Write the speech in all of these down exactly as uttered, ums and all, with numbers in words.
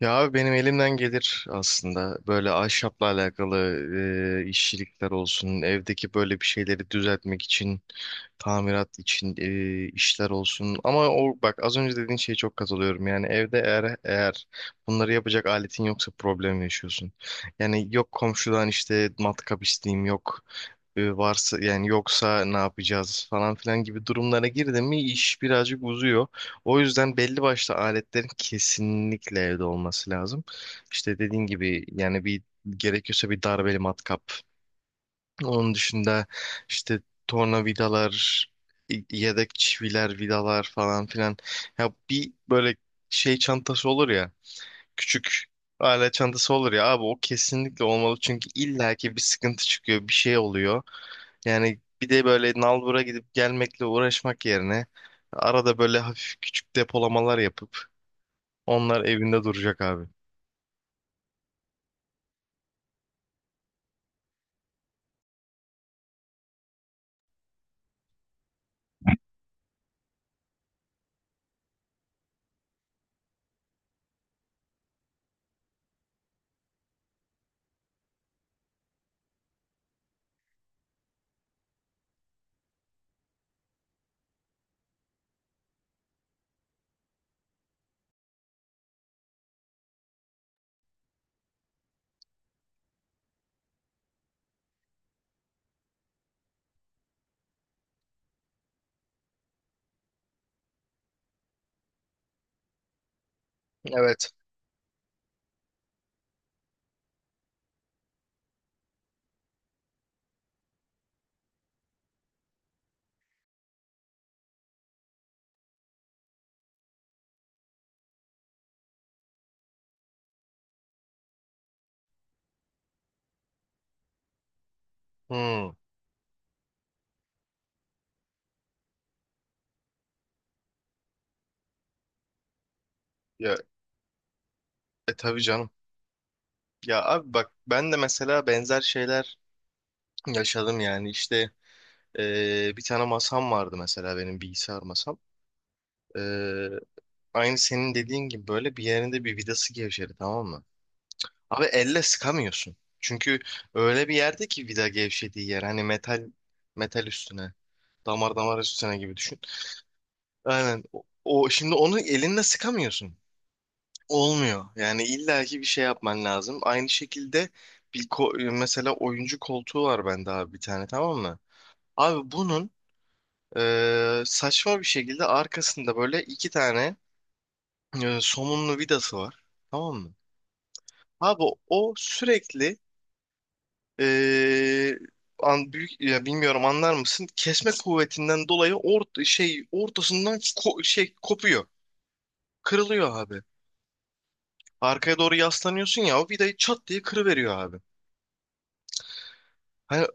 Ya abi benim elimden gelir aslında böyle ahşapla alakalı e, işçilikler olsun, evdeki böyle bir şeyleri düzeltmek için, tamirat için e, işler olsun. Ama o bak az önce dediğin şeye çok katılıyorum. Yani evde eğer eğer bunları yapacak aletin yoksa problem yaşıyorsun. Yani yok komşudan işte matkap isteyeyim, yok e, varsa yani yoksa ne yapacağız falan filan gibi durumlara girdin mi iş birazcık uzuyor. O yüzden belli başlı aletlerin kesinlikle evde olması lazım. İşte dediğin gibi yani bir gerekiyorsa bir darbeli matkap. Onun dışında işte tornavidalar, y- yedek çiviler, vidalar falan filan. Ya bir böyle şey çantası olur ya, küçük alet çantası olur ya abi o kesinlikle olmalı çünkü illaki bir sıkıntı çıkıyor, bir şey oluyor. Yani bir de böyle nalbura gidip gelmekle uğraşmak yerine arada böyle hafif küçük depolamalar yapıp onlar evinde duracak abi. Evet. Hmm. Ya, e tabii canım. Ya abi bak ben de mesela benzer şeyler yaşadım yani. İşte e, bir tane masam vardı mesela benim bilgisayar masam. E, aynı senin dediğin gibi böyle bir yerinde bir vidası gevşedi, tamam mı? Abi elle sıkamıyorsun. Çünkü öyle bir yerde ki vida gevşediği yer hani metal metal üstüne damar damar üstüne gibi düşün. Aynen o, o- şimdi onu elinle sıkamıyorsun. Olmuyor. Yani illaki bir şey yapman lazım. Aynı şekilde bir ko- mesela oyuncu koltuğu var bende abi bir tane, tamam mı? Abi bunun e, saçma bir şekilde arkasında böyle iki tane e, somunlu vidası var. Tamam mı? Abi o sürekli e, an, büyük ya, bilmiyorum, anlar mısın? Kesme kuvvetinden dolayı ort şey ortasından ko- şey kopuyor. Kırılıyor abi. Arkaya doğru yaslanıyorsun ya, o vidayı çat diye kırıveriyor abi. Hani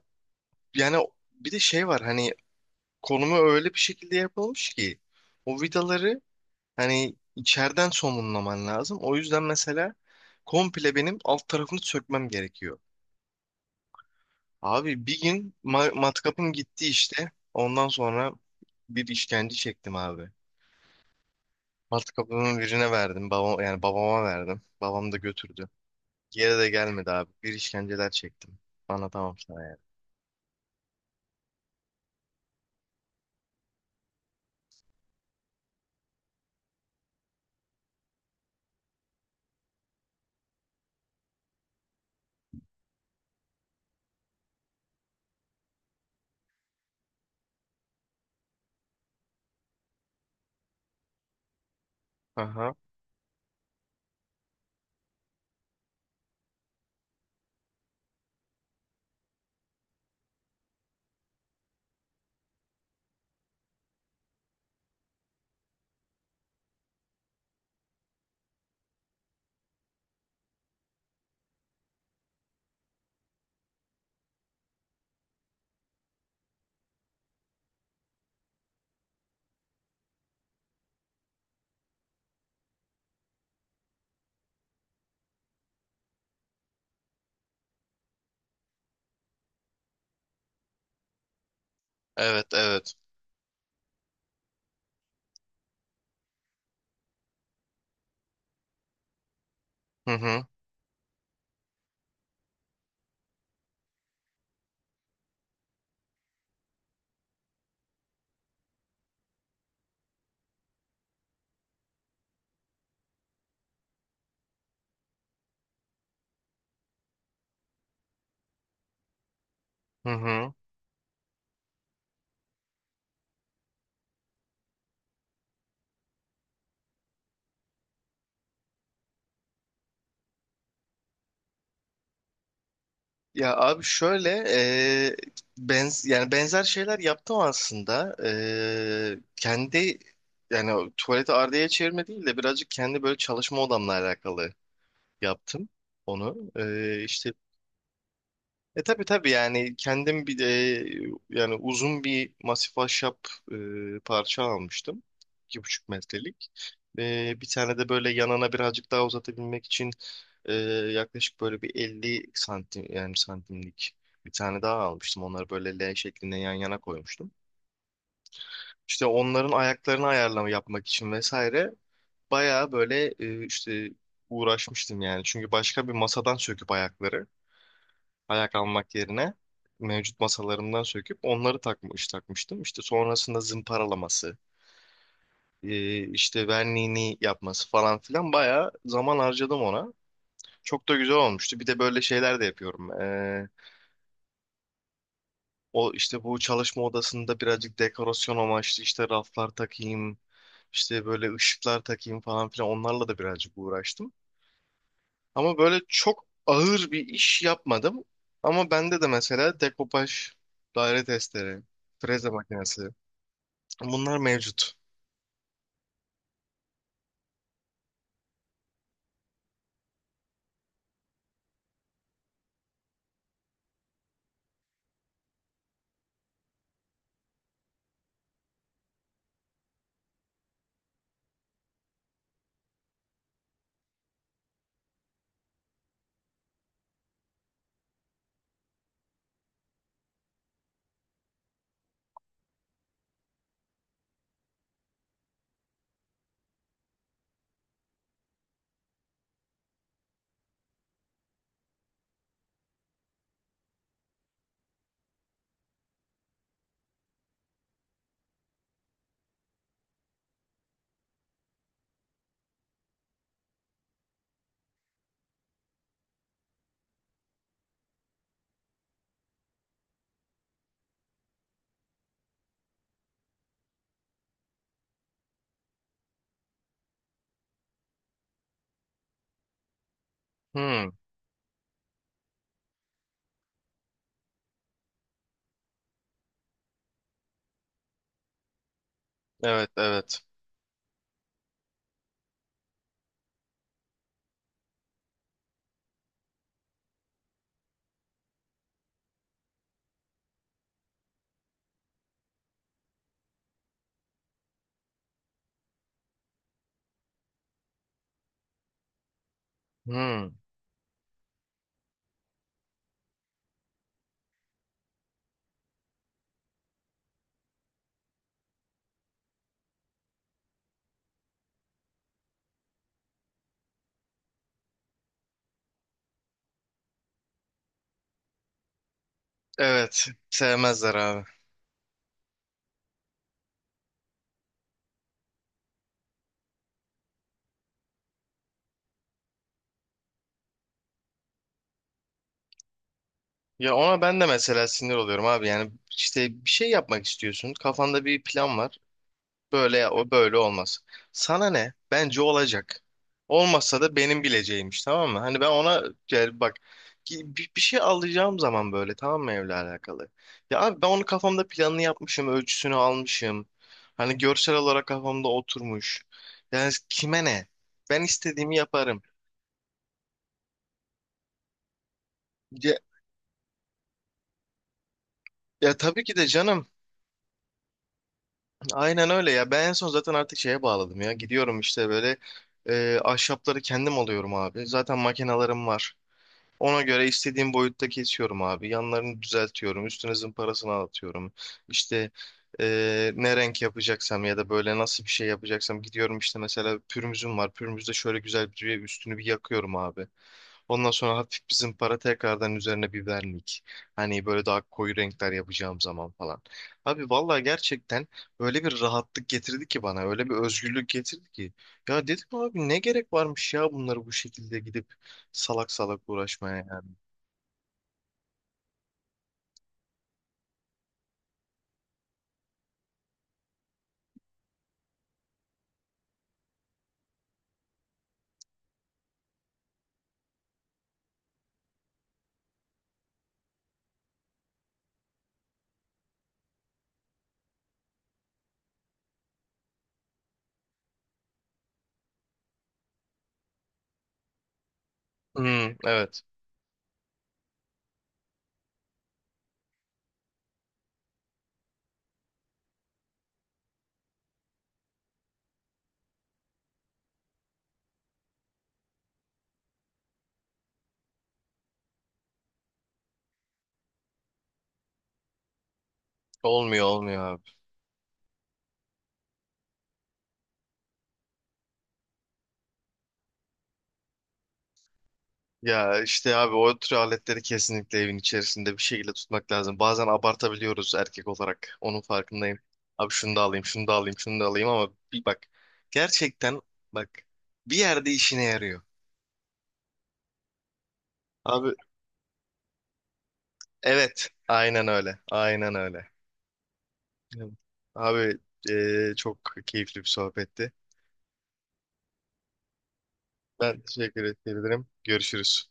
yani bir de şey var, hani konumu öyle bir şekilde yapılmış ki o vidaları hani içeriden somunlaman lazım. O yüzden mesela komple benim alt tarafını sökmem gerekiyor. Abi bir gün ma- matkapım gitti işte. Ondan sonra bir işkence çektim abi. Matkapımı birine verdim. Babam, yani babama verdim. Babam da götürdü. Geri de gelmedi abi. Bir işkenceler çektim. Anlatamam sana yani. Aha. Evet, evet. Hı hı. Hı hı. Ya abi şöyle e, benz yani benzer şeyler yaptım aslında. E, kendi yani o tuvaleti ardiyeye çevirme değil de birazcık kendi böyle çalışma odamla alakalı yaptım onu. E, işte e tabii tabii yani kendim bir de e, yani uzun bir masif ahşap e, parça almıştım. iki buçuk metrelik. E, bir tane de böyle yanına birazcık daha uzatabilmek için e, yaklaşık böyle bir elli santim yani santimlik bir tane daha almıştım. Onları böyle L şeklinde yan yana koymuştum. İşte onların ayaklarını ayarlama yapmak için vesaire bayağı böyle e, işte uğraşmıştım yani. Çünkü başka bir masadan söküp ayakları ayak almak yerine mevcut masalarımdan söküp onları takmış takmıştım. İşte sonrasında zımparalaması, e, işte verniğini yapması falan filan bayağı zaman harcadım ona. Çok da güzel olmuştu. Bir de böyle şeyler de yapıyorum. E, o işte bu çalışma odasında birazcık dekorasyon amaçlı işte raflar takayım, işte böyle ışıklar takayım falan filan, onlarla da birazcık uğraştım. Ama böyle çok ağır bir iş yapmadım. Ama bende de mesela dekopaj, daire testleri, freze makinesi bunlar mevcut. Hmm, evet evet. Hmm, evet sevmezler abi. Ya ona ben de mesela sinir oluyorum abi. Yani işte bir şey yapmak istiyorsun. Kafanda bir plan var. Böyle o böyle olmaz. Sana ne? Bence olacak. Olmazsa da benim bileceğimmiş, tamam mı? Hani ben ona gel bak ki- bir, bir şey alacağım zaman böyle, tamam mı, evle alakalı? Ya abi ben onu kafamda planını yapmışım, ölçüsünü almışım. Hani görsel olarak kafamda oturmuş. Yani kime ne? Ben istediğimi yaparım. Ya, ya tabii ki de canım. Aynen öyle ya. Ben en son zaten artık şeye bağladım ya. Gidiyorum işte böyle e, ahşapları kendim alıyorum abi. Zaten makinalarım var. Ona göre istediğim boyutta kesiyorum abi. Yanlarını düzeltiyorum. Üstüne zımparasını atıyorum. İşte eee, ne renk yapacaksam ya da böyle nasıl bir şey yapacaksam gidiyorum, işte mesela pürmüzüm var. Pürmüzde şöyle güzel bir üstünü bir yakıyorum abi. Ondan sonra hafif bir zımpara tekrardan üzerine biberlik. Hani böyle daha koyu renkler yapacağım zaman falan. Abi vallahi gerçekten öyle bir rahatlık getirdi ki bana. Öyle bir özgürlük getirdi ki. Ya dedim abi ne gerek varmış ya bunları bu şekilde gidip salak salak uğraşmaya. Yani. Hmm, evet. Olmuyor, olmuyor abi. Ya işte abi o tür aletleri kesinlikle evin içerisinde bir şekilde tutmak lazım. Bazen abartabiliyoruz erkek olarak. Onun farkındayım. Abi şunu da alayım, şunu da alayım, şunu da alayım ama bir bak. Gerçekten bak, bir yerde işine yarıyor. Abi evet, aynen öyle. Aynen öyle. Evet. Abi e, çok keyifli bir sohbetti. Ben teşekkür ederim. Görüşürüz.